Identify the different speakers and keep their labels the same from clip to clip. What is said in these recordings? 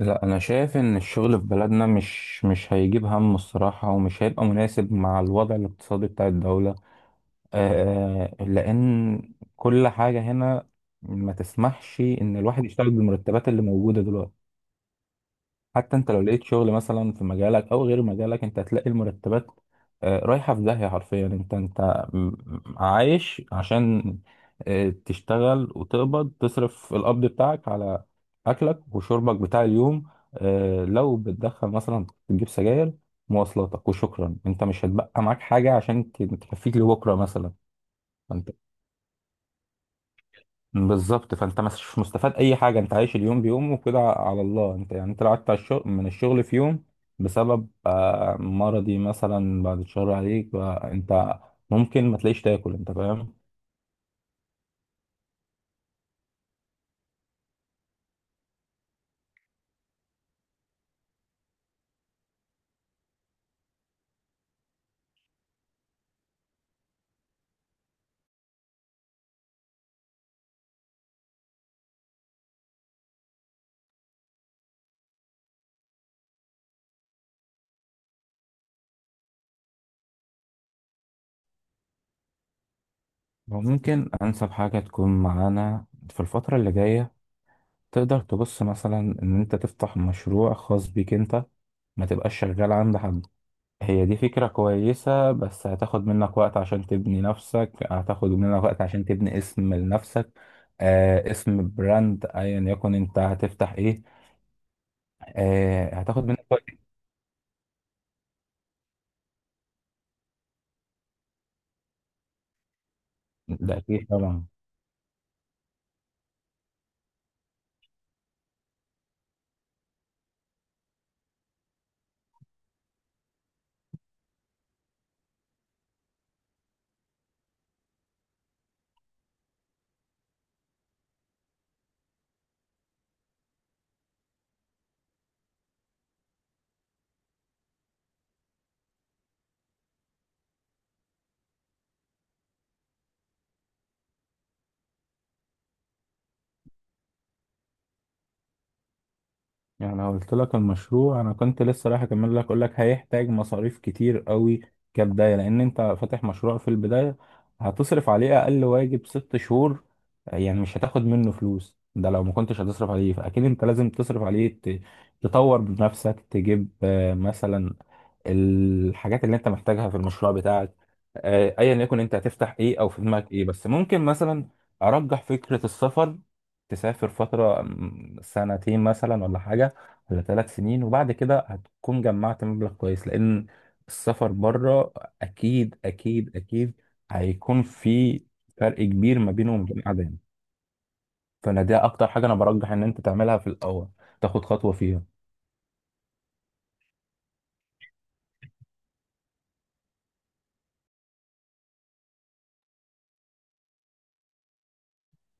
Speaker 1: لا، انا شايف ان الشغل في بلدنا مش هيجيب همه الصراحه، ومش هيبقى مناسب مع الوضع الاقتصادي بتاع الدوله. لان كل حاجه هنا ما تسمحش ان الواحد يشتغل بالمرتبات اللي موجوده دلوقتي. حتى انت لو لقيت شغل مثلا في مجالك او غير مجالك، انت هتلاقي المرتبات رايحة في داهية حرفيا. م- عايش عشان تشتغل وتقبض، تصرف القبض بتاعك على اكلك وشربك بتاع اليوم. لو بتدخن مثلا تجيب سجاير، مواصلاتك وشكرا. انت مش هتبقى معاك حاجة عشان تكفيك لبكرة مثلا. بالظبط، فانت مش مستفاد اي حاجه، انت عايش اليوم بيوم وكده على الله. انت يعني انت لو قعدت على الشغل، من الشغل في يوم بسبب مرضي مثلا، بعد شهر عليك بقى انت ممكن ما تلاقيش تاكل، انت فاهم؟ ممكن انسب حاجه تكون معانا في الفتره اللي جايه، تقدر تبص مثلا ان انت تفتح مشروع خاص بيك انت، ما تبقاش شغال عند حد. هي دي فكرة كويسة، بس هتاخد منك وقت عشان تبني نفسك، هتاخد منك وقت عشان تبني اسم لنفسك، اسم براند ايا يكن انت هتفتح ايه، هتاخد منك وقت. ده اكيد طبعا. يعني لو قلت لك المشروع، انا كنت لسه رايح اكمل لك، اقول لك هيحتاج مصاريف كتير قوي كبدايه، لان انت فاتح مشروع في البدايه هتصرف عليه اقل واجب 6 شهور. يعني مش هتاخد منه فلوس. ده لو ما كنتش هتصرف عليه، فاكيد انت لازم تصرف عليه، تطور بنفسك، تجيب مثلا الحاجات اللي انت محتاجها في المشروع بتاعك، ايا يكن انت هتفتح ايه او في دماغك ايه. بس ممكن مثلا ارجح فكرة السفر، تسافر فترة سنتين مثلا ولا حاجة، ولا 3 سنين، وبعد كده هتكون جمعت مبلغ كويس. لان السفر بره اكيد اكيد اكيد هيكون في فرق كبير ما بينه وما بين قاعدة هنا. فانا دي اكتر حاجة انا برجح ان انت تعملها في الاول، تاخد خطوة فيها.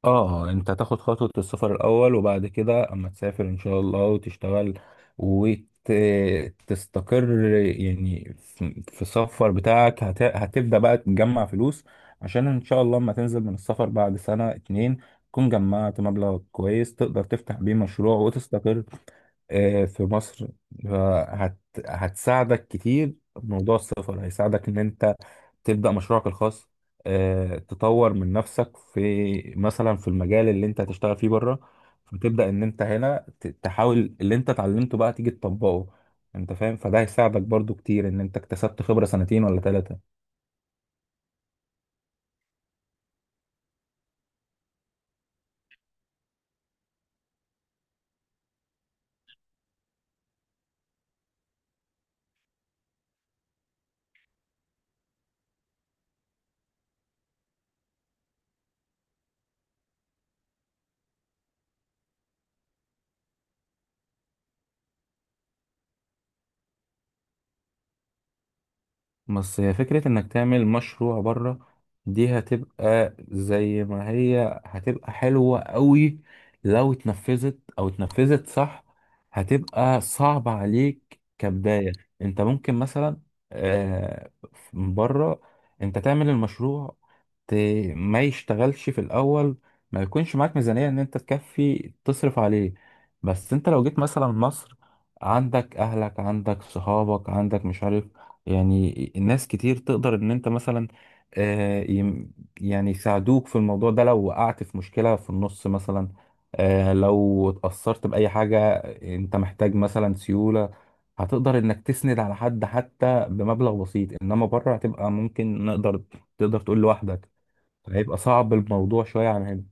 Speaker 1: اه. انت هتاخد خطوة السفر الاول، وبعد كده اما تسافر ان شاء الله وتشتغل وتستقر، يعني في السفر بتاعك هتبدأ بقى تجمع فلوس عشان ان شاء الله اما تنزل من السفر بعد سنة اتنين تكون جمعت مبلغ كويس تقدر تفتح بيه مشروع وتستقر في مصر. هت هتساعدك كتير، موضوع السفر هيساعدك ان انت تبدأ مشروعك الخاص، تطور من نفسك في مثلا في المجال اللي انت هتشتغل فيه بره. فتبدأ ان انت هنا تحاول اللي انت اتعلمته بقى تيجي تطبقه، انت فاهم؟ فده هيساعدك برضو كتير ان انت اكتسبت خبرة سنتين ولا ثلاثة. بس هي فكرة انك تعمل مشروع بره، دي هتبقى زي ما هي هتبقى حلوة قوي لو اتنفذت، او اتنفذت صح. هتبقى صعبة عليك كبداية. انت ممكن مثلا آه، من بره انت تعمل المشروع، ت- ما يشتغلش في الاول، ما يكونش معاك ميزانية ان انت تكفي تصرف عليه. بس انت لو جيت مثلا مصر، عندك اهلك، عندك صحابك، عندك مش عارف، يعني ناس كتير تقدر ان انت مثلا آه، يم- يعني يساعدوك في الموضوع ده. لو وقعت في مشكلة في النص مثلا، لو اتأثرت بأي حاجة، انت محتاج مثلا سيولة، هتقدر انك تسند على حد حتى بمبلغ بسيط. انما بره هتبقى ممكن تقدر تقول لوحدك هيبقى صعب الموضوع شوية عن هنا.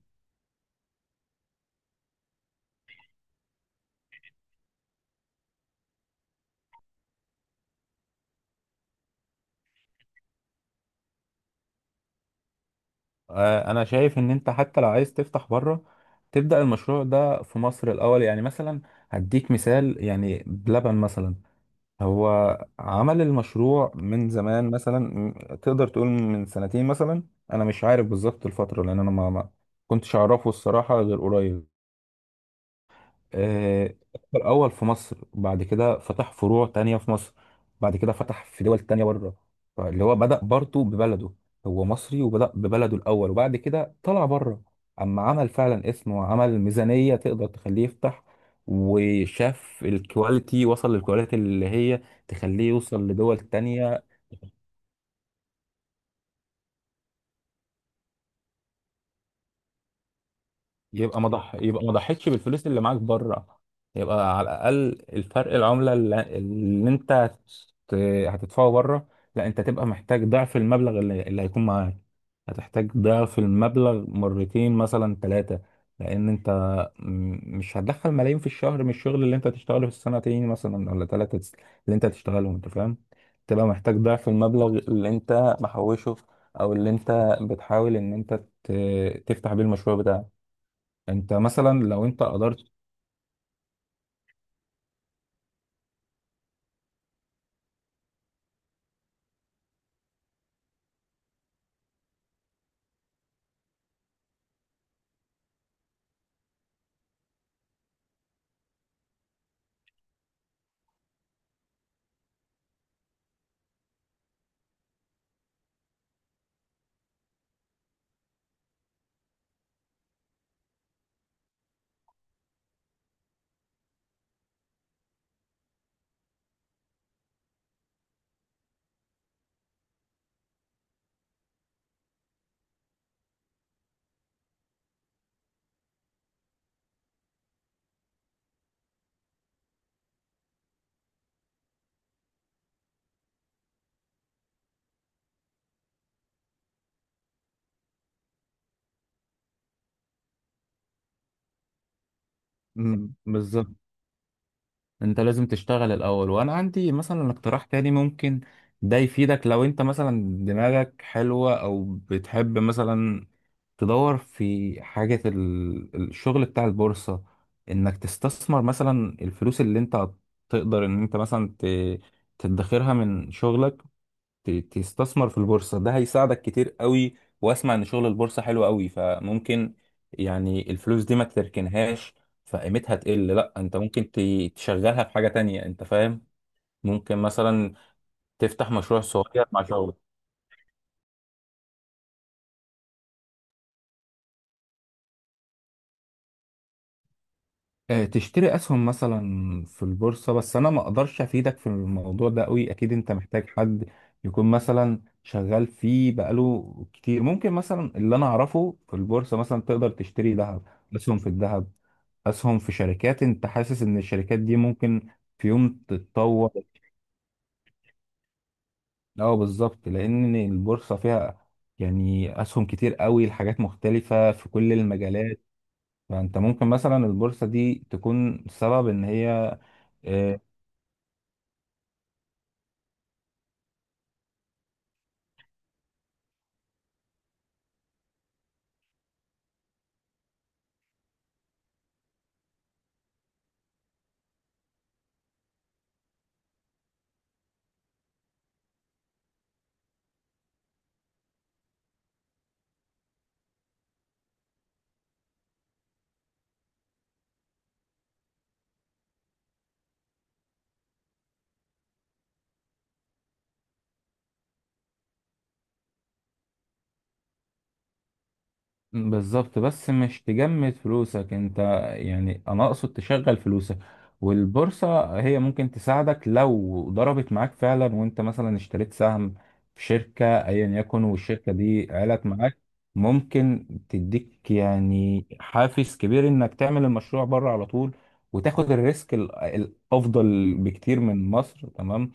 Speaker 1: انا شايف ان انت حتى لو عايز تفتح بره، تبدأ المشروع ده في مصر الاول. يعني مثلا هديك مثال، يعني بلبن مثلا، هو عمل المشروع من زمان مثلا، تقدر تقول من سنتين مثلا، انا مش عارف بالظبط الفتره، لان انا ما كنتش اعرفه الصراحه غير قريب. آه، الأول في مصر، بعد كده فتح فروع تانية في مصر، بعد كده فتح في دول تانية بره. فاللي هو بدأ برضه ببلده، هو مصري وبدأ ببلده الأول، وبعد كده طلع بره أما عمل فعلا اسمه وعمل ميزانية تقدر تخليه يفتح، وشاف الكواليتي، وصل للكواليتي اللي هي تخليه يوصل لدول تانية. يبقى ما ضح يبقى ما ضحيتش بالفلوس اللي معاك بره، يبقى على الاقل الفرق العمله اللي انت هتدفعه بره. لا، انت تبقى محتاج ضعف المبلغ اللي هيكون معاك. هتحتاج ضعف المبلغ مرتين مثلا ثلاثه، لان انت مش هتدخل ملايين في الشهر من الشغل اللي انت هتشتغله في السنتين مثلا ولا ثلاثه، اللي انت هتشتغلهم، انت فاهم؟ تبقى محتاج ضعف المبلغ اللي انت محوشه، او اللي انت بتحاول ان انت تفتح بيه المشروع بتاعك. انت مثلا لو انت قدرت. مم، بالظبط. انت لازم تشتغل الاول. وانا عندي مثلا اقتراح تاني ممكن ده يفيدك، لو انت مثلا دماغك حلوة او بتحب مثلا تدور في حاجة، الشغل بتاع البورصة. انك تستثمر مثلا الفلوس اللي انت تقدر ان انت مثلا تدخرها من شغلك، تستثمر في البورصة. ده هيساعدك كتير قوي. واسمع ان شغل البورصة حلو قوي، فممكن يعني الفلوس دي ما تركنهاش فقيمتها تقل، لا انت ممكن تشغلها في حاجة تانية، انت فاهم؟ ممكن مثلا تفتح مشروع صغير مع شغلك، تشتري اسهم مثلا في البورصة. بس انا ما اقدرش افيدك في الموضوع ده قوي، اكيد انت محتاج حد يكون مثلا شغال فيه بقاله كتير. ممكن مثلا اللي انا اعرفه في البورصة، مثلا تقدر تشتري ذهب، اسهم في الذهب، اسهم في شركات انت حاسس ان الشركات دي ممكن في يوم تتطور. اه، بالظبط. لان البورصه فيها يعني اسهم كتير قوي لحاجات مختلفه في كل المجالات، فانت ممكن مثلا البورصه دي تكون سبب ان هي. آه، بالظبط. بس مش تجمد فلوسك انت، يعني انا اقصد تشغل فلوسك، والبورصة هي ممكن تساعدك لو ضربت معاك فعلا وانت مثلا اشتريت سهم في شركة ايا يكن والشركة دي علت معاك، ممكن تديك يعني حافز كبير انك تعمل المشروع بره على طول، وتاخد الريسك الافضل بكتير من مصر. تمام،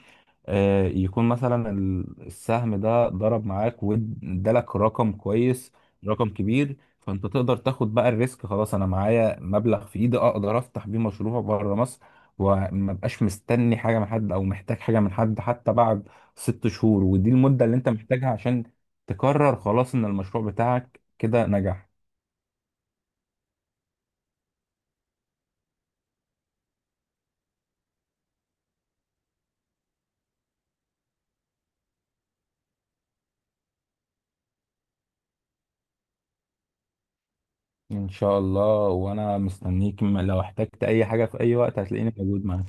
Speaker 1: يكون مثلا السهم ده ضرب معاك وادالك رقم كويس، رقم كبير، فانت تقدر تاخد بقى الريسك. خلاص، انا معايا مبلغ في ايدي اقدر افتح بيه مشروع بره مصر، وما بقاش مستني حاجه من حد او محتاج حاجه من حد حتى بعد 6 شهور. ودي المده اللي انت محتاجها عشان تقرر خلاص ان المشروع بتاعك كده نجح. ان شاء الله، وانا مستنيك. لو احتجت اي حاجه في اي وقت هتلاقيني موجود معاك.